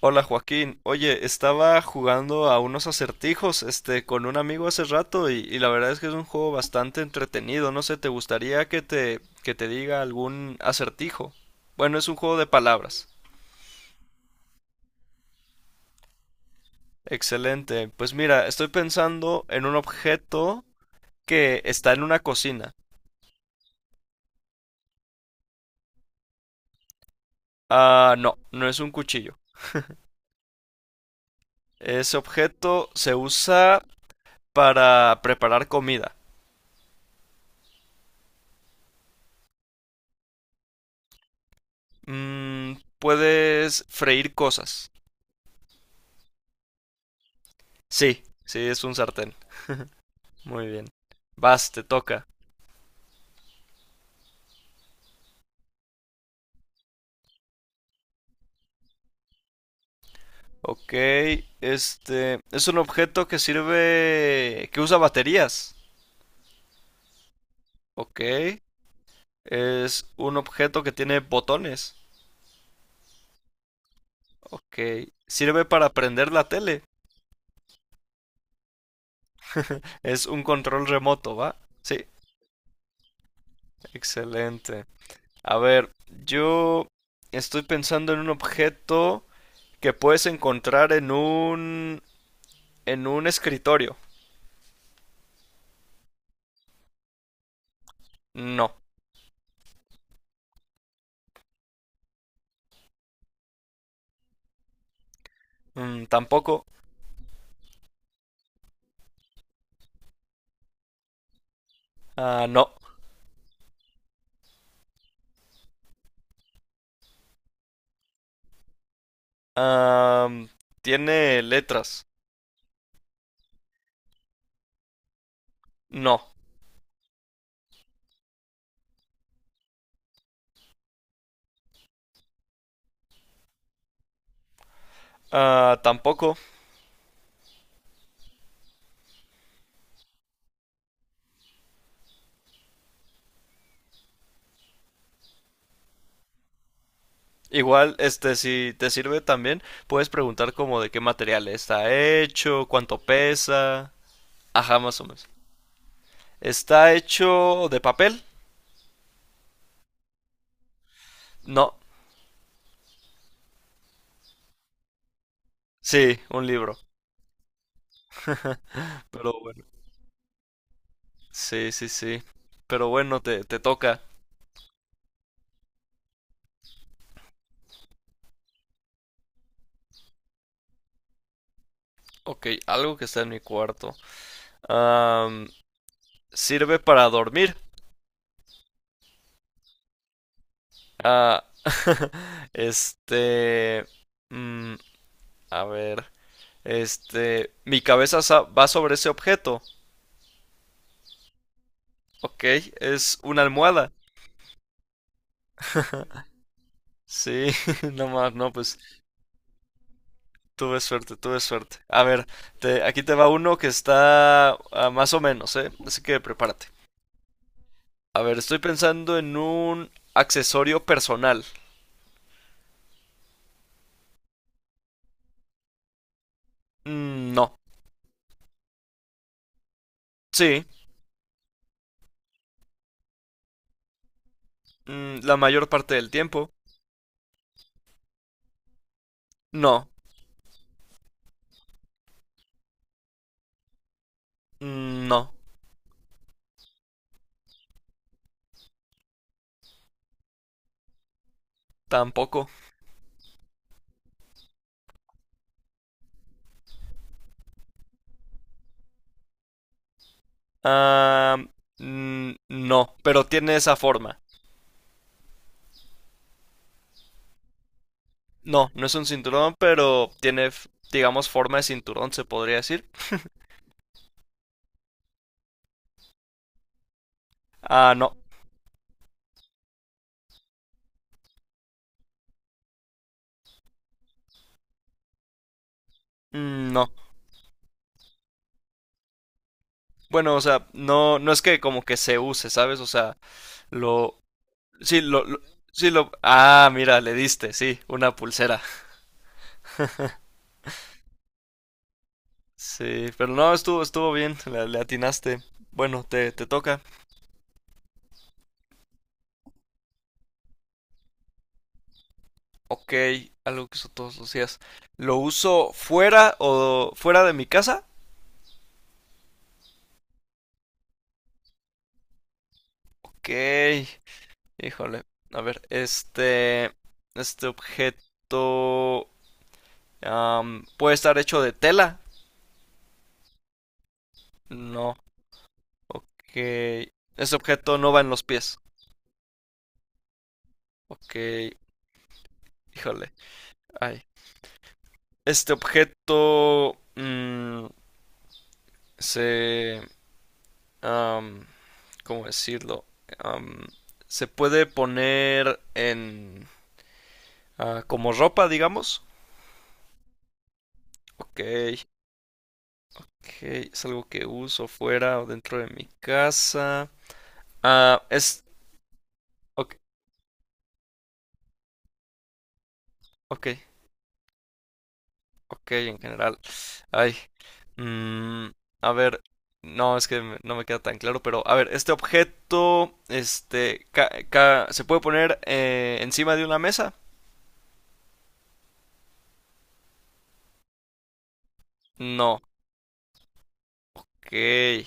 Hola Joaquín, oye, estaba jugando a unos acertijos, con un amigo hace rato y la verdad es que es un juego bastante entretenido. No sé, ¿te gustaría que te diga algún acertijo? Bueno, es un juego de palabras. Excelente. Pues mira, estoy pensando en un objeto que está en una cocina. Ah, no, no es un cuchillo. Ese objeto se usa para preparar comida. Mm, puedes freír cosas. Sí, sí, es un sartén. Muy bien. Vas, te toca. Ok, este es un objeto que usa baterías. Ok, es un objeto que tiene botones. Ok, sirve para prender la tele. Es un control remoto, ¿va? Sí, excelente. A ver, yo estoy pensando en un objeto que puedes encontrar en un escritorio. No. Tampoco. Ah, no. Am, ¿Tiene letras? No. Ah, tampoco. Igual, si te sirve también, puedes preguntar como de qué material está hecho, cuánto pesa. Ajá, más o menos. ¿Está hecho de papel? No. Sí, un libro. Pero bueno. Sí, sí, sí. Pero bueno, te toca. Ok, algo que está en mi cuarto. Am, ¿Sirve para dormir? Ah, este... mm, a ver. Mi cabeza va sobre ese objeto. Ok, es una almohada. Sí, no más, no, pues tuve suerte, tuve suerte. A ver, aquí te va uno que está más o menos, ¿eh? Así que prepárate. A ver, estoy pensando en un accesorio personal. Mm, no. Sí, la mayor parte del tiempo. No. Mm, no, tampoco. Ah, no, pero tiene esa forma. No, no es un cinturón, pero tiene, digamos, forma de cinturón, se podría decir. Ah, no. Mm, no. Bueno, o sea, no, no es que como que se use, ¿sabes? O sea, lo, sí, ah, mira, le diste, sí, una pulsera. Sí, pero no, estuvo, estuvo bien, le atinaste. Bueno, te toca. Ok, algo que uso todos los días. ¿Lo uso fuera de mi casa? Ok, híjole. A ver, este objeto. Puede estar hecho de tela. No, que ese objeto no va en los pies. Ok, híjole. Ay. Este objeto se... um, ¿cómo decirlo? Um, se puede poner en... ah, como ropa, digamos. Ok, ok, es algo que uso fuera o dentro de mi casa. Es... Ok, ok. Ok, en general. Ay. mm, a ver. No, es que no me queda tan claro, pero a ver, este objeto, ¿se puede poner encima de una mesa? No. Ok.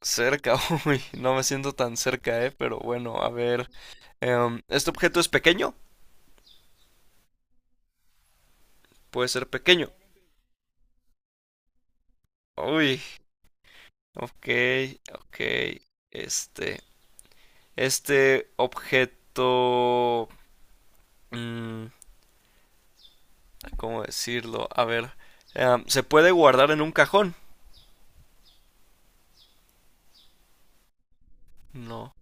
Cerca, uy, no me siento tan cerca, pero bueno, a ver. ¿Este objeto es pequeño? Puede ser pequeño. Uy, ok, ok. Este, este objeto... mm, ¿cómo decirlo? A ver. ¿Se puede guardar en un cajón? No.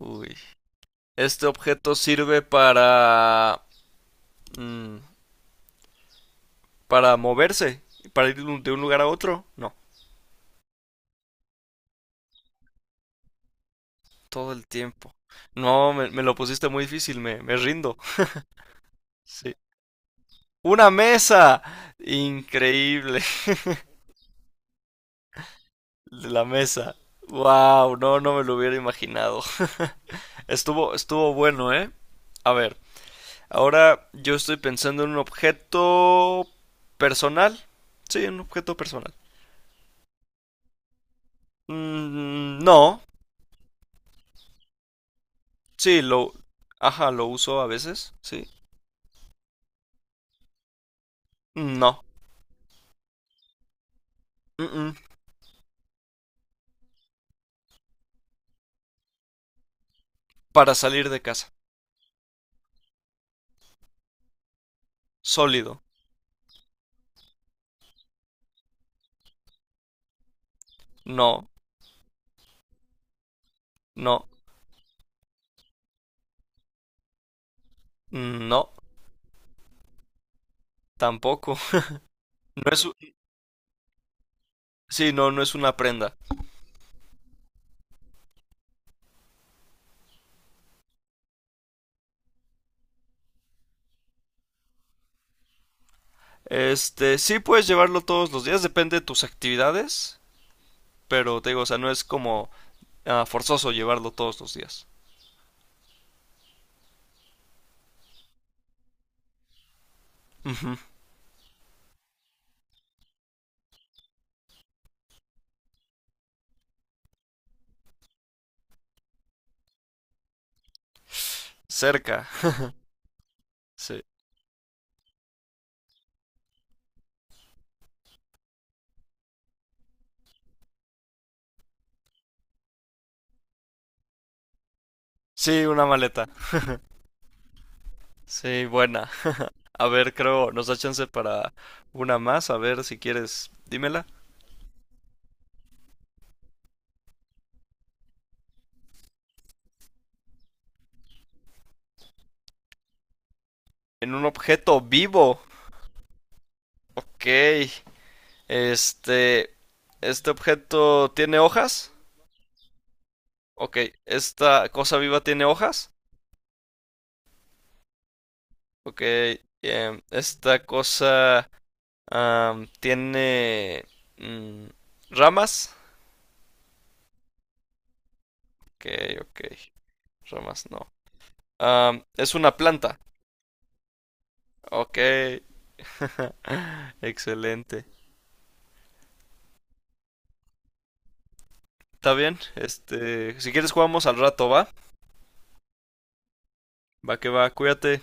Uy. Este objeto sirve para... mm, para moverse. Para ir de un lugar a otro. No. Todo el tiempo. No, me lo pusiste muy difícil. Me rindo. Sí. ¡Una mesa! Increíble. La mesa. Wow, no, no me lo hubiera imaginado. Estuvo, estuvo bueno, ¿eh? A ver. Ahora yo estoy pensando en un objeto personal. Sí, un objeto personal. Mm, no. Sí, lo... Ajá, lo uso a veces. Sí. No. Mm-mm. Para salir de casa. Sólido. No. No. No. Tampoco. No es... sí, no, no es una prenda. Este, sí puedes llevarlo todos los días, depende de tus actividades. Pero te digo, o sea, no es como ah, forzoso llevarlo todos los días. Ujú. Cerca. Sí. Sí, una maleta. Sí, buena. A ver, creo, nos da chance para una más. A ver si quieres, dímela. En un objeto vivo. Ok. Este. ¿Este objeto tiene hojas? Ok. ¿Esta cosa viva tiene hojas? Ok. ¿Esta cosa tiene mm, ramas? Ok, ok. Ramas no. Am, es una planta. Ok. Excelente. Está bien, este, si quieres jugamos al rato, ¿va? Va que va, cuídate.